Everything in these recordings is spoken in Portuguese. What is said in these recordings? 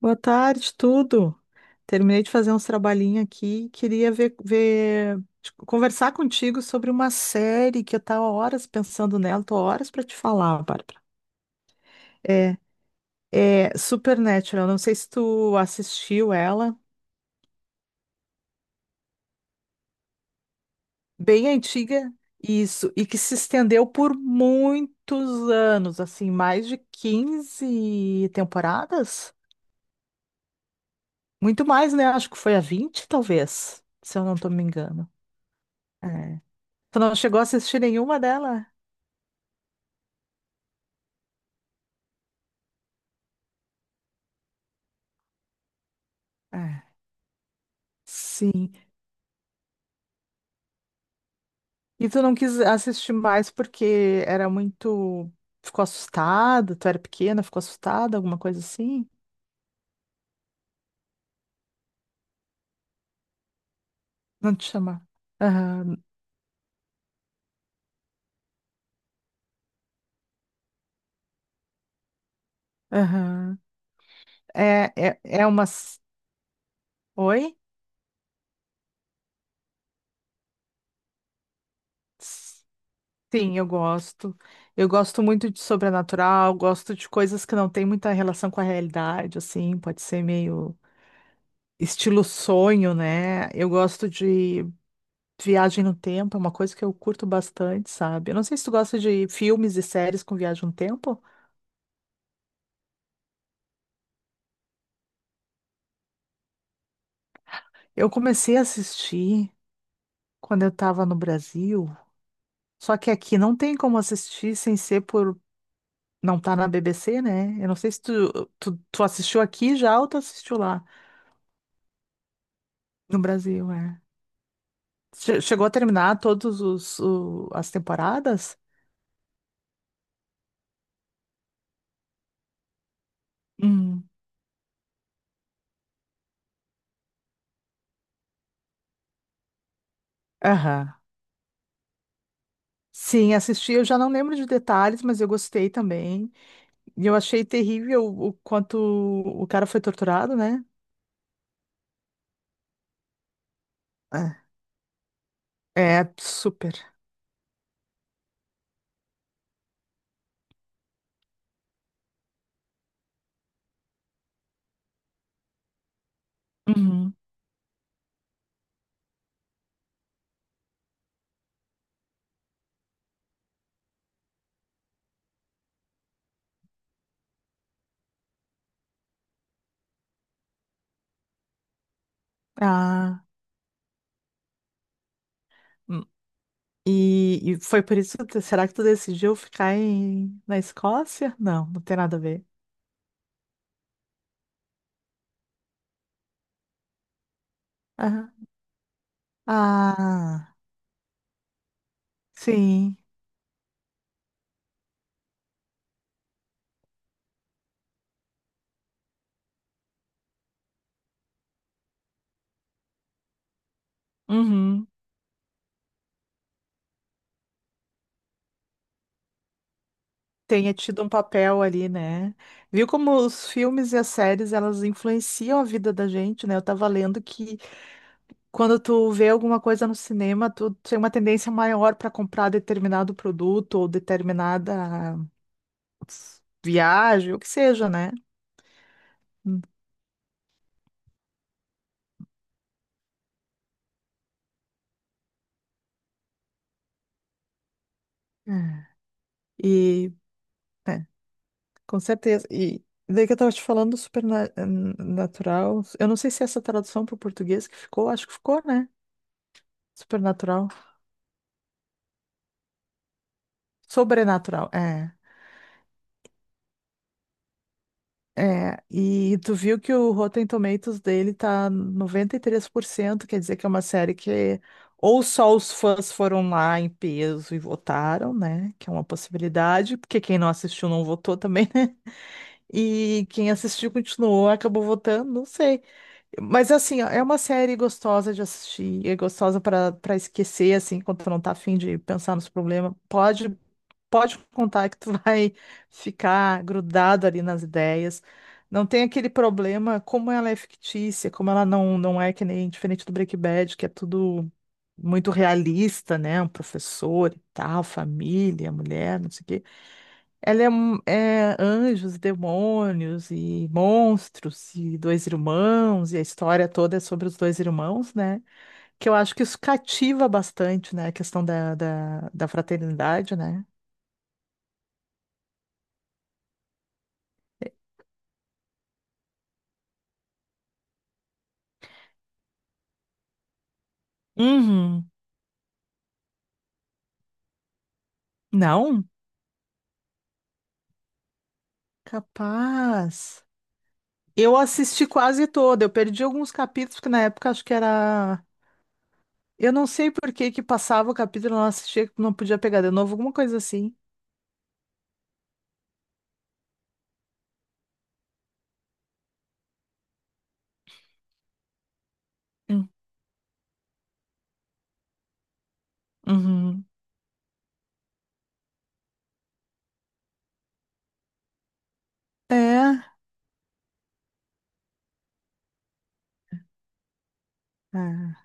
Boa tarde, tudo. Terminei de fazer uns trabalhinhos aqui e queria conversar contigo sobre uma série que eu estava horas pensando nela. Tô horas para te falar, Bárbara. É, é Supernatural. Não sei se tu assistiu ela. Bem antiga, isso. E que se estendeu por muitos anos, assim, mais de 15 temporadas? Muito mais, né? Acho que foi a 20, talvez, se eu não tô me engano. É. Tu não chegou a assistir nenhuma dela? É, sim. E tu não quis assistir mais porque era muito. Ficou assustada? Tu era pequena, ficou assustada, alguma coisa assim? Não te chamar. Aham, aham. É, é umas. Oi? S- Sim, eu gosto. Eu gosto muito de sobrenatural, gosto de coisas que não têm muita relação com a realidade, assim, pode ser meio estilo sonho, né? Eu gosto de viagem no tempo é uma coisa que eu curto bastante, sabe? Eu não sei se tu gosta de filmes e séries com viagem no tempo. Eu comecei a assistir quando eu tava no Brasil, só que aqui não tem como assistir sem ser por não tá na BBC, né? Eu não sei se tu assistiu aqui já ou tu assistiu lá no Brasil, é. Chegou a terminar todos as temporadas? Hum. Aham. Sim, assisti, eu já não lembro de detalhes, mas eu gostei também. E eu achei terrível o quanto o cara foi torturado, né? É super. Uhum. Ah, hum. E foi por isso, será que tu decidiu ficar na Escócia? Não, não tem nada a ver. Aham. Ah, sim, uhum. Tenha tido um papel ali, né? Viu como os filmes e as séries, elas influenciam a vida da gente, né? Eu tava lendo que quando tu vê alguma coisa no cinema, tu tem uma tendência maior para comprar determinado produto ou determinada viagem, o que seja, né? É. E, é, com certeza. E daí que eu tava te falando do supernatural. Eu não sei se essa tradução para o português que ficou, acho que ficou, né? Supernatural. Sobrenatural, é. É, e tu viu que o Rotten Tomatoes dele tá 93% quer dizer que é uma série que ou só os fãs foram lá em peso e votaram, né? Que é uma possibilidade, porque quem não assistiu não votou também, né? E quem assistiu continuou, acabou votando, não sei. Mas assim, ó, é uma série gostosa de assistir, é gostosa para esquecer, assim, quando tu não tá afim de pensar nos problemas. Pode contar que tu vai ficar grudado ali nas ideias. Não tem aquele problema, como ela é fictícia, como ela não é que nem diferente do Breaking Bad, que é tudo muito realista, né? Um professor e tal, família, mulher, não sei o quê. Ela é, é anjos, demônios e monstros e dois irmãos, e a história toda é sobre os dois irmãos, né? Que eu acho que isso cativa bastante, né? A questão da fraternidade, né? Uhum. Não? Capaz. Eu assisti quase toda. Eu perdi alguns capítulos, porque na época acho que era. Eu não sei por que que passava o capítulo, eu não assistia, não podia pegar de novo, alguma coisa assim. Hum. Uhum. É. É,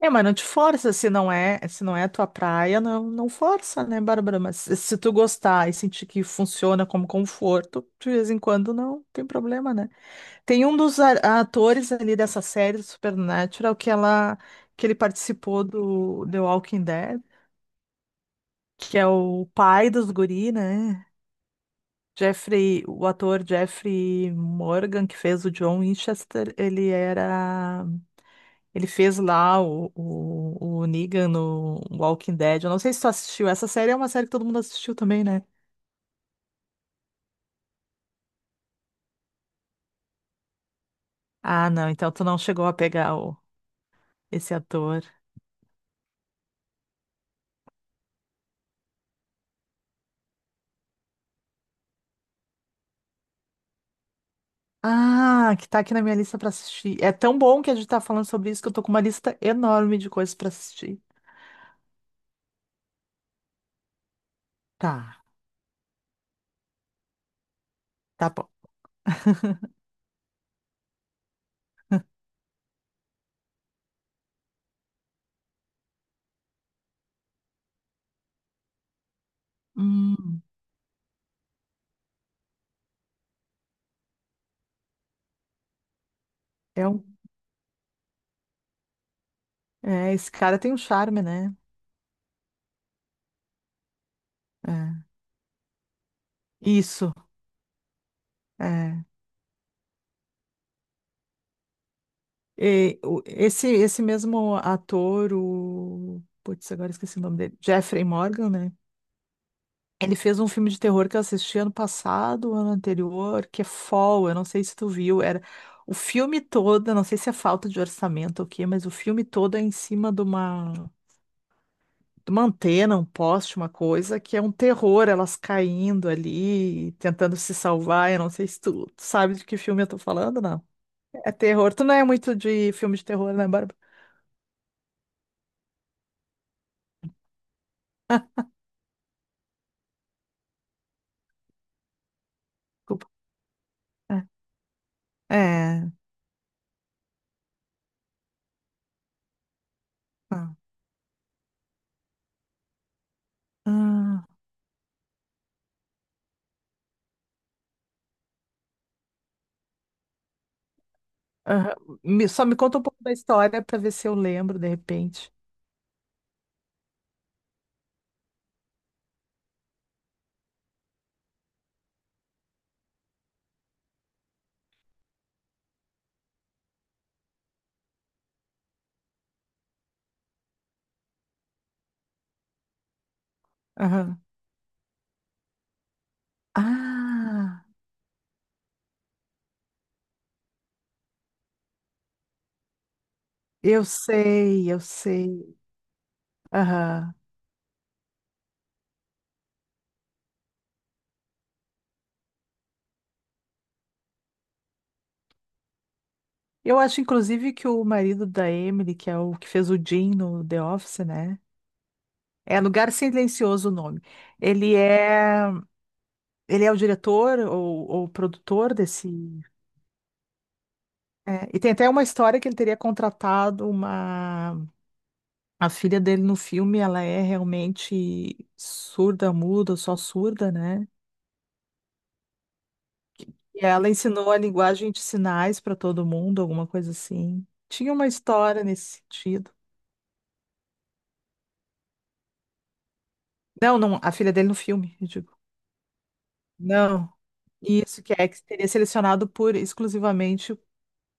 É, mas não te força, se não é a tua praia, não, não força, né, Bárbara? Mas se tu gostar e sentir que funciona como conforto, de vez em quando não tem problema, né? Tem um dos atores ali dessa série do Supernatural que ele participou do The Walking Dead, que é o pai dos guri, né? Jeffrey, o ator Jeffrey Morgan, que fez o John Winchester, ele era. Ele fez lá o Negan no Walking Dead. Eu não sei se tu assistiu. Essa série é uma série que todo mundo assistiu também, né? Ah, não, então tu não chegou a pegar esse ator. Ah, que tá aqui na minha lista pra assistir. É tão bom que a gente tá falando sobre isso que eu tô com uma lista enorme de coisas pra assistir. Tá, tá bom. Hum, é um, é, esse cara tem um charme, né? É, isso, é. E esse mesmo ator, o... Putz, agora esqueci o nome dele. Jeffrey Morgan, né? Ele fez um filme de terror que eu assisti ano passado, ano anterior, que é Fall, eu não sei se tu viu, era o filme todo, eu não sei se é falta de orçamento ou o quê, mas o filme todo é em cima de uma antena, um poste, uma coisa, que é um terror, elas caindo ali, tentando se salvar, eu não sei se tu sabe de que filme eu tô falando, não. É terror, tu não é muito de filme de terror, né, Bárbara? Desculpa. É. É. Ah. Ah. Aham. Só me conta um pouco da história para ver se eu lembro de repente. Aham. Ah, eu sei, eu sei. Aham. Eu acho, inclusive, que o marido da Emily, que é o que fez o Jim no The Office, né? É Lugar Silencioso o nome. Ele é. Ele é o diretor ou produtor desse. É, e tem até uma história que ele teria contratado uma. A filha dele no filme, ela é realmente surda, muda, só surda, né? E ela ensinou a linguagem de sinais para todo mundo, alguma coisa assim. Tinha uma história nesse sentido. Não, não, a filha dele no filme, eu digo. Não. Isso que é que teria selecionado por exclusivamente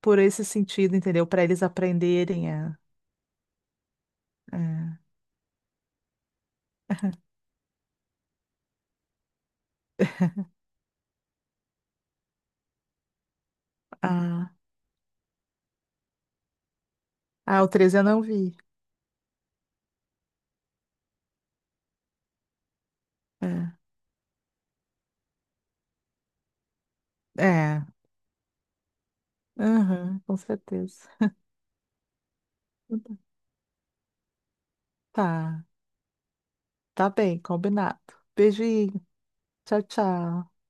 por esse sentido, entendeu? Para eles aprenderem a. a... a- Ah, o 13 eu não vi. É, é, aham, com certeza. Tá, tá bem, combinado. Beijinho, tchau, tchau.